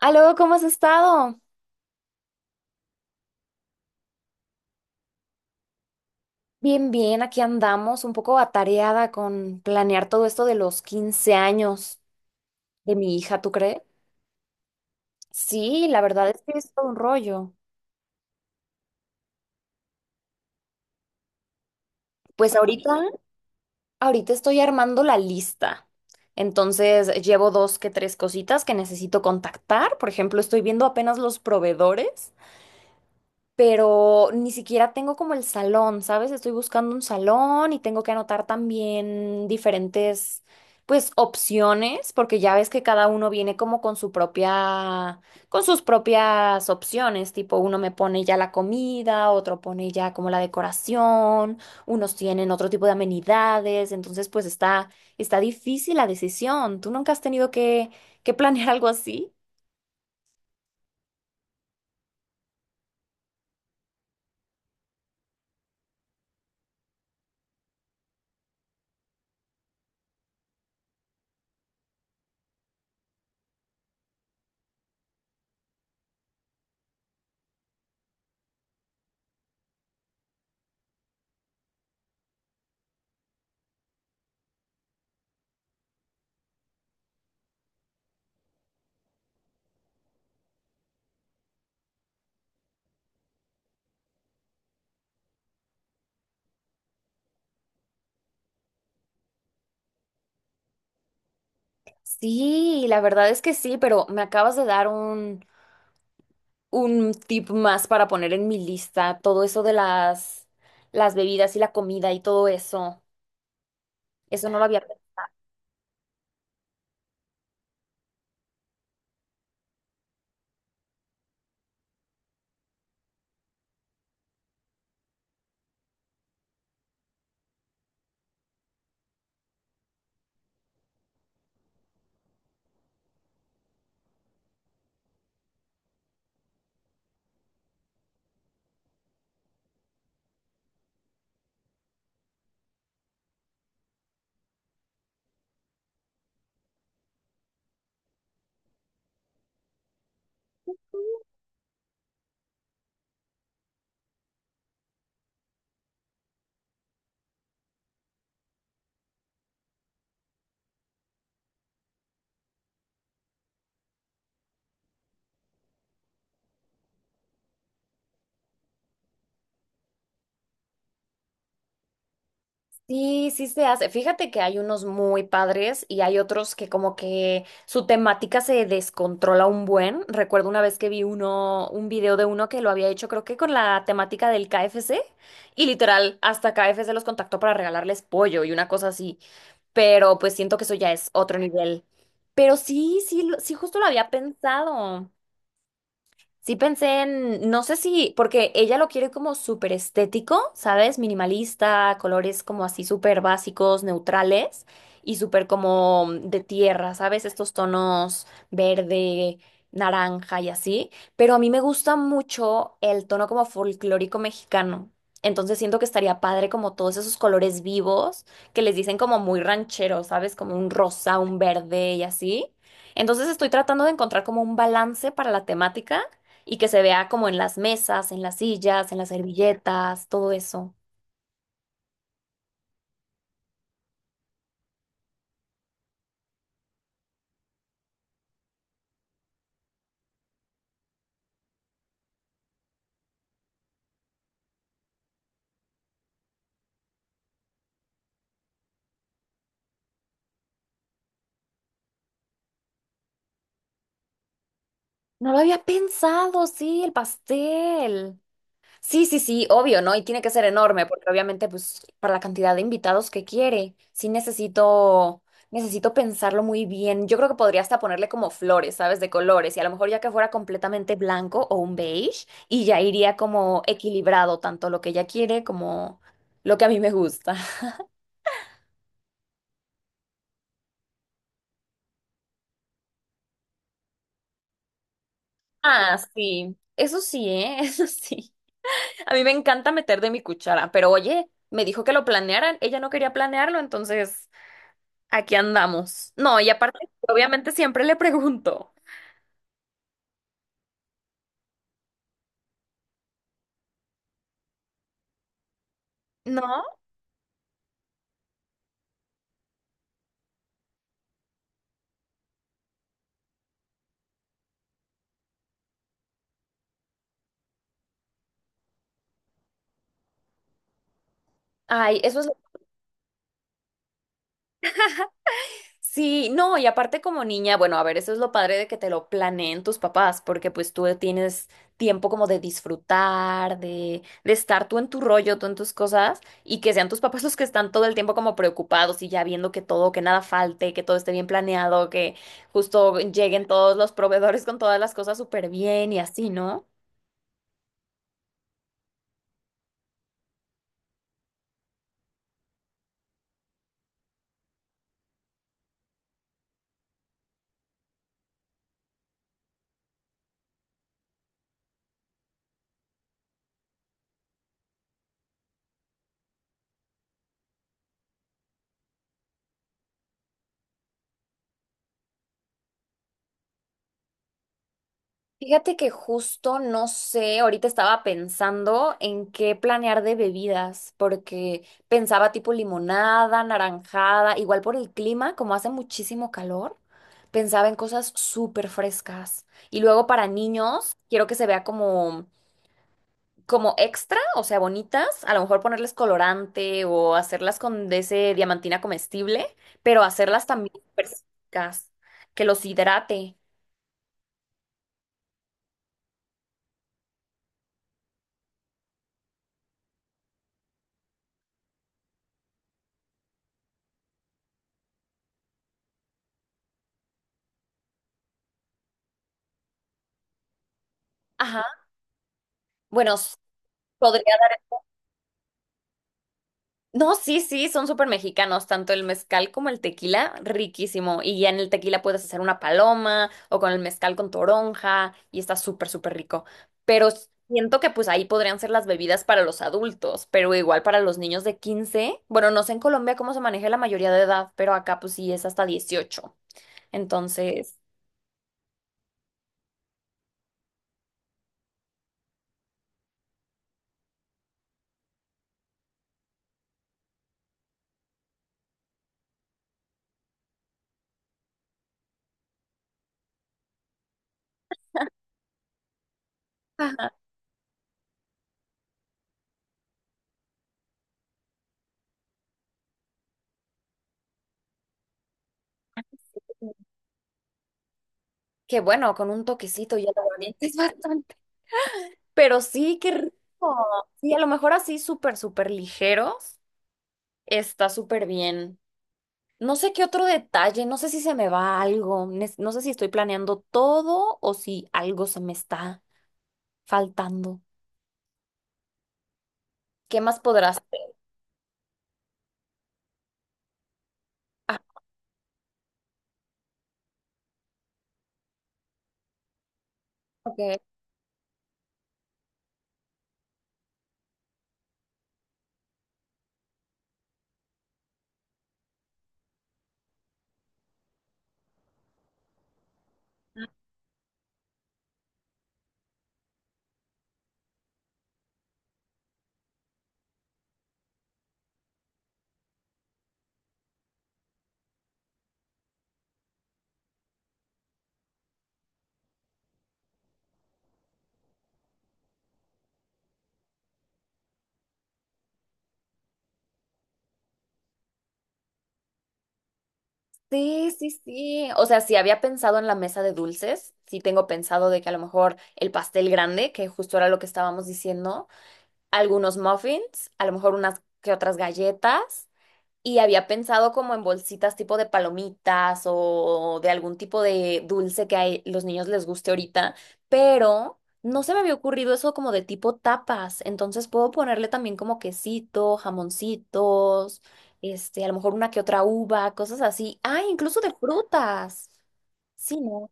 Aló, ¿cómo has estado? Bien, aquí andamos, un poco atareada con planear todo esto de los 15 años de mi hija, ¿tú crees? Sí, la verdad es que es todo un rollo. Pues ahorita estoy armando la lista. Entonces, llevo dos que tres cositas que necesito contactar. Por ejemplo, estoy viendo apenas los proveedores, pero ni siquiera tengo como el salón, ¿sabes? Estoy buscando un salón y tengo que anotar también diferentes, pues, opciones, porque ya ves que cada uno viene como con su propia, con sus propias opciones, tipo uno me pone ya la comida, otro pone ya como la decoración, unos tienen otro tipo de amenidades, entonces pues está difícil la decisión. ¿Tú nunca has tenido que planear algo así? Sí, la verdad es que sí, pero me acabas de dar un tip más para poner en mi lista todo eso de las bebidas y la comida y todo eso. Eso no lo había pensado. Sí, sí se hace. Fíjate que hay unos muy padres y hay otros que como que su temática se descontrola un buen. Recuerdo una vez que vi uno, un video de uno que lo había hecho, creo que con la temática del KFC, y literal hasta KFC los contactó para regalarles pollo y una cosa así. Pero pues siento que eso ya es otro nivel. Pero sí, sí, sí justo lo había pensado. Sí pensé en, no sé si, porque ella lo quiere como súper estético, ¿sabes? Minimalista, colores como así súper básicos, neutrales y súper como de tierra, ¿sabes? Estos tonos verde, naranja y así. Pero a mí me gusta mucho el tono como folclórico mexicano. Entonces siento que estaría padre como todos esos colores vivos que les dicen como muy rancheros, ¿sabes? Como un rosa, un verde y así. Entonces estoy tratando de encontrar como un balance para la temática y que se vea como en las mesas, en las sillas, en las servilletas, todo eso. No lo había pensado, sí, el pastel. Sí, sí, sí, obvio, ¿no? Y tiene que ser enorme, porque obviamente, pues, para la cantidad de invitados que quiere, sí necesito, necesito pensarlo muy bien. Yo creo que podría hasta ponerle como flores, ¿sabes? De colores, y a lo mejor ya que fuera completamente blanco o un beige, y ya iría como equilibrado, tanto lo que ella quiere como lo que a mí me gusta. Ah, sí, eso sí, ¿eh? Eso sí. A mí me encanta meter de mi cuchara, pero oye, me dijo que lo planearan, ella no quería planearlo, entonces aquí andamos. No, y aparte, obviamente siempre le pregunto, ¿no? Ay, eso es. Sí, no, y aparte como niña, bueno, a ver, eso es lo padre de que te lo planeen tus papás, porque pues tú tienes tiempo como de disfrutar, de estar tú en tu rollo, tú en tus cosas, y que sean tus papás los que están todo el tiempo como preocupados y ya viendo que todo, que nada falte, que todo esté bien planeado, que justo lleguen todos los proveedores con todas las cosas súper bien y así, ¿no? Fíjate que justo no sé, ahorita estaba pensando en qué planear de bebidas, porque pensaba tipo limonada, naranjada, igual por el clima, como hace muchísimo calor, pensaba en cosas súper frescas. Y luego para niños, quiero que se vea como, como extra, o sea, bonitas, a lo mejor ponerles colorante o hacerlas con de ese diamantina comestible, pero hacerlas también súper secas, que los hidrate. Ajá. Bueno, podría. No, sí, sí, son súper mexicanos, tanto el mezcal como el tequila, riquísimo. Y ya en el tequila puedes hacer una paloma o con el mezcal con toronja y está súper, súper rico. Pero siento que pues ahí podrían ser las bebidas para los adultos, pero igual para los niños de quince. Bueno, no sé en Colombia cómo se maneja la mayoría de edad, pero acá pues sí es hasta dieciocho. Entonces, ajá, que bueno, con un toquecito ya lo es bastante. Pero sí, qué rico. Sí, a lo mejor así súper, súper ligeros. Está súper bien. No sé qué otro detalle, no sé si se me va algo, no sé si estoy planeando todo o si algo se me está faltando. ¿Qué más podrás hacer? Ah, ok. Sí, sí, sí. O sea, si había pensado en la mesa de dulces, sí tengo pensado de que a lo mejor el pastel grande, que justo era lo que estábamos diciendo, algunos muffins, a lo mejor unas que otras galletas. Y había pensado como en bolsitas tipo de palomitas o de algún tipo de dulce que a los niños les guste ahorita, pero no se me había ocurrido eso como de tipo tapas. Entonces puedo ponerle también como quesito, jamoncitos, este, a lo mejor una que otra uva, cosas así. Ah, incluso de frutas. Sí, no.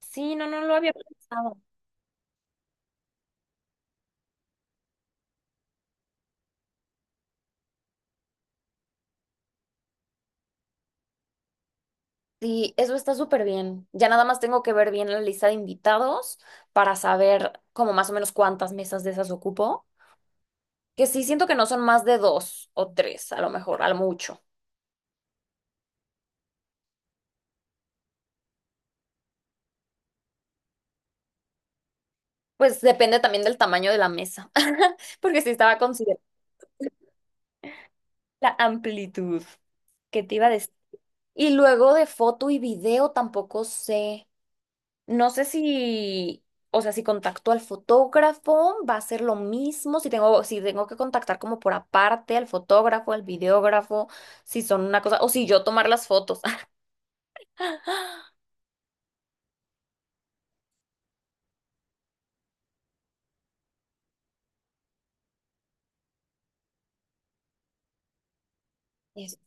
Sí, no, no lo había pensado. Sí, eso está súper bien. Ya nada más tengo que ver bien la lista de invitados para saber como más o menos cuántas mesas de esas ocupo, que sí siento que no son más de dos o tres, a lo mejor, al mucho. Pues depende también del tamaño de la mesa, porque sí estaba considerando la amplitud que te iba a decir. Y luego de foto y video tampoco sé, no sé si, o sea, si contacto al fotógrafo va a ser lo mismo, si tengo que contactar como por aparte al fotógrafo, al videógrafo, si son una cosa, o si yo tomar las fotos. Eso.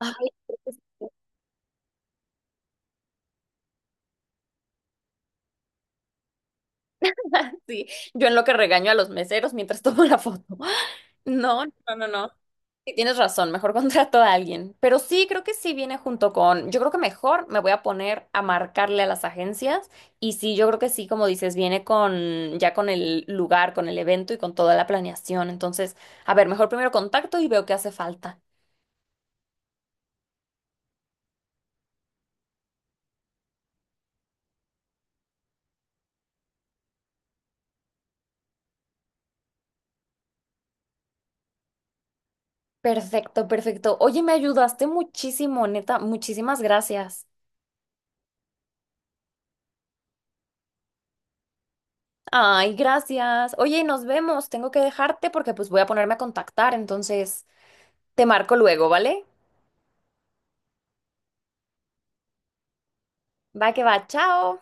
Ay, sí, yo en lo que regaño a los meseros mientras tomo la foto. No, no, no, no. Sí, tienes razón, mejor contrato a alguien. Pero sí, creo que sí viene junto con, yo creo que mejor me voy a poner a marcarle a las agencias y sí, yo creo que sí, como dices, viene con ya con el lugar, con el evento y con toda la planeación. Entonces, a ver, mejor primero contacto y veo qué hace falta. Perfecto, perfecto. Oye, me ayudaste muchísimo, neta, muchísimas gracias. Ay, gracias. Oye, nos vemos. Tengo que dejarte porque pues voy a ponerme a contactar, entonces te marco luego, ¿vale? Va que va, chao.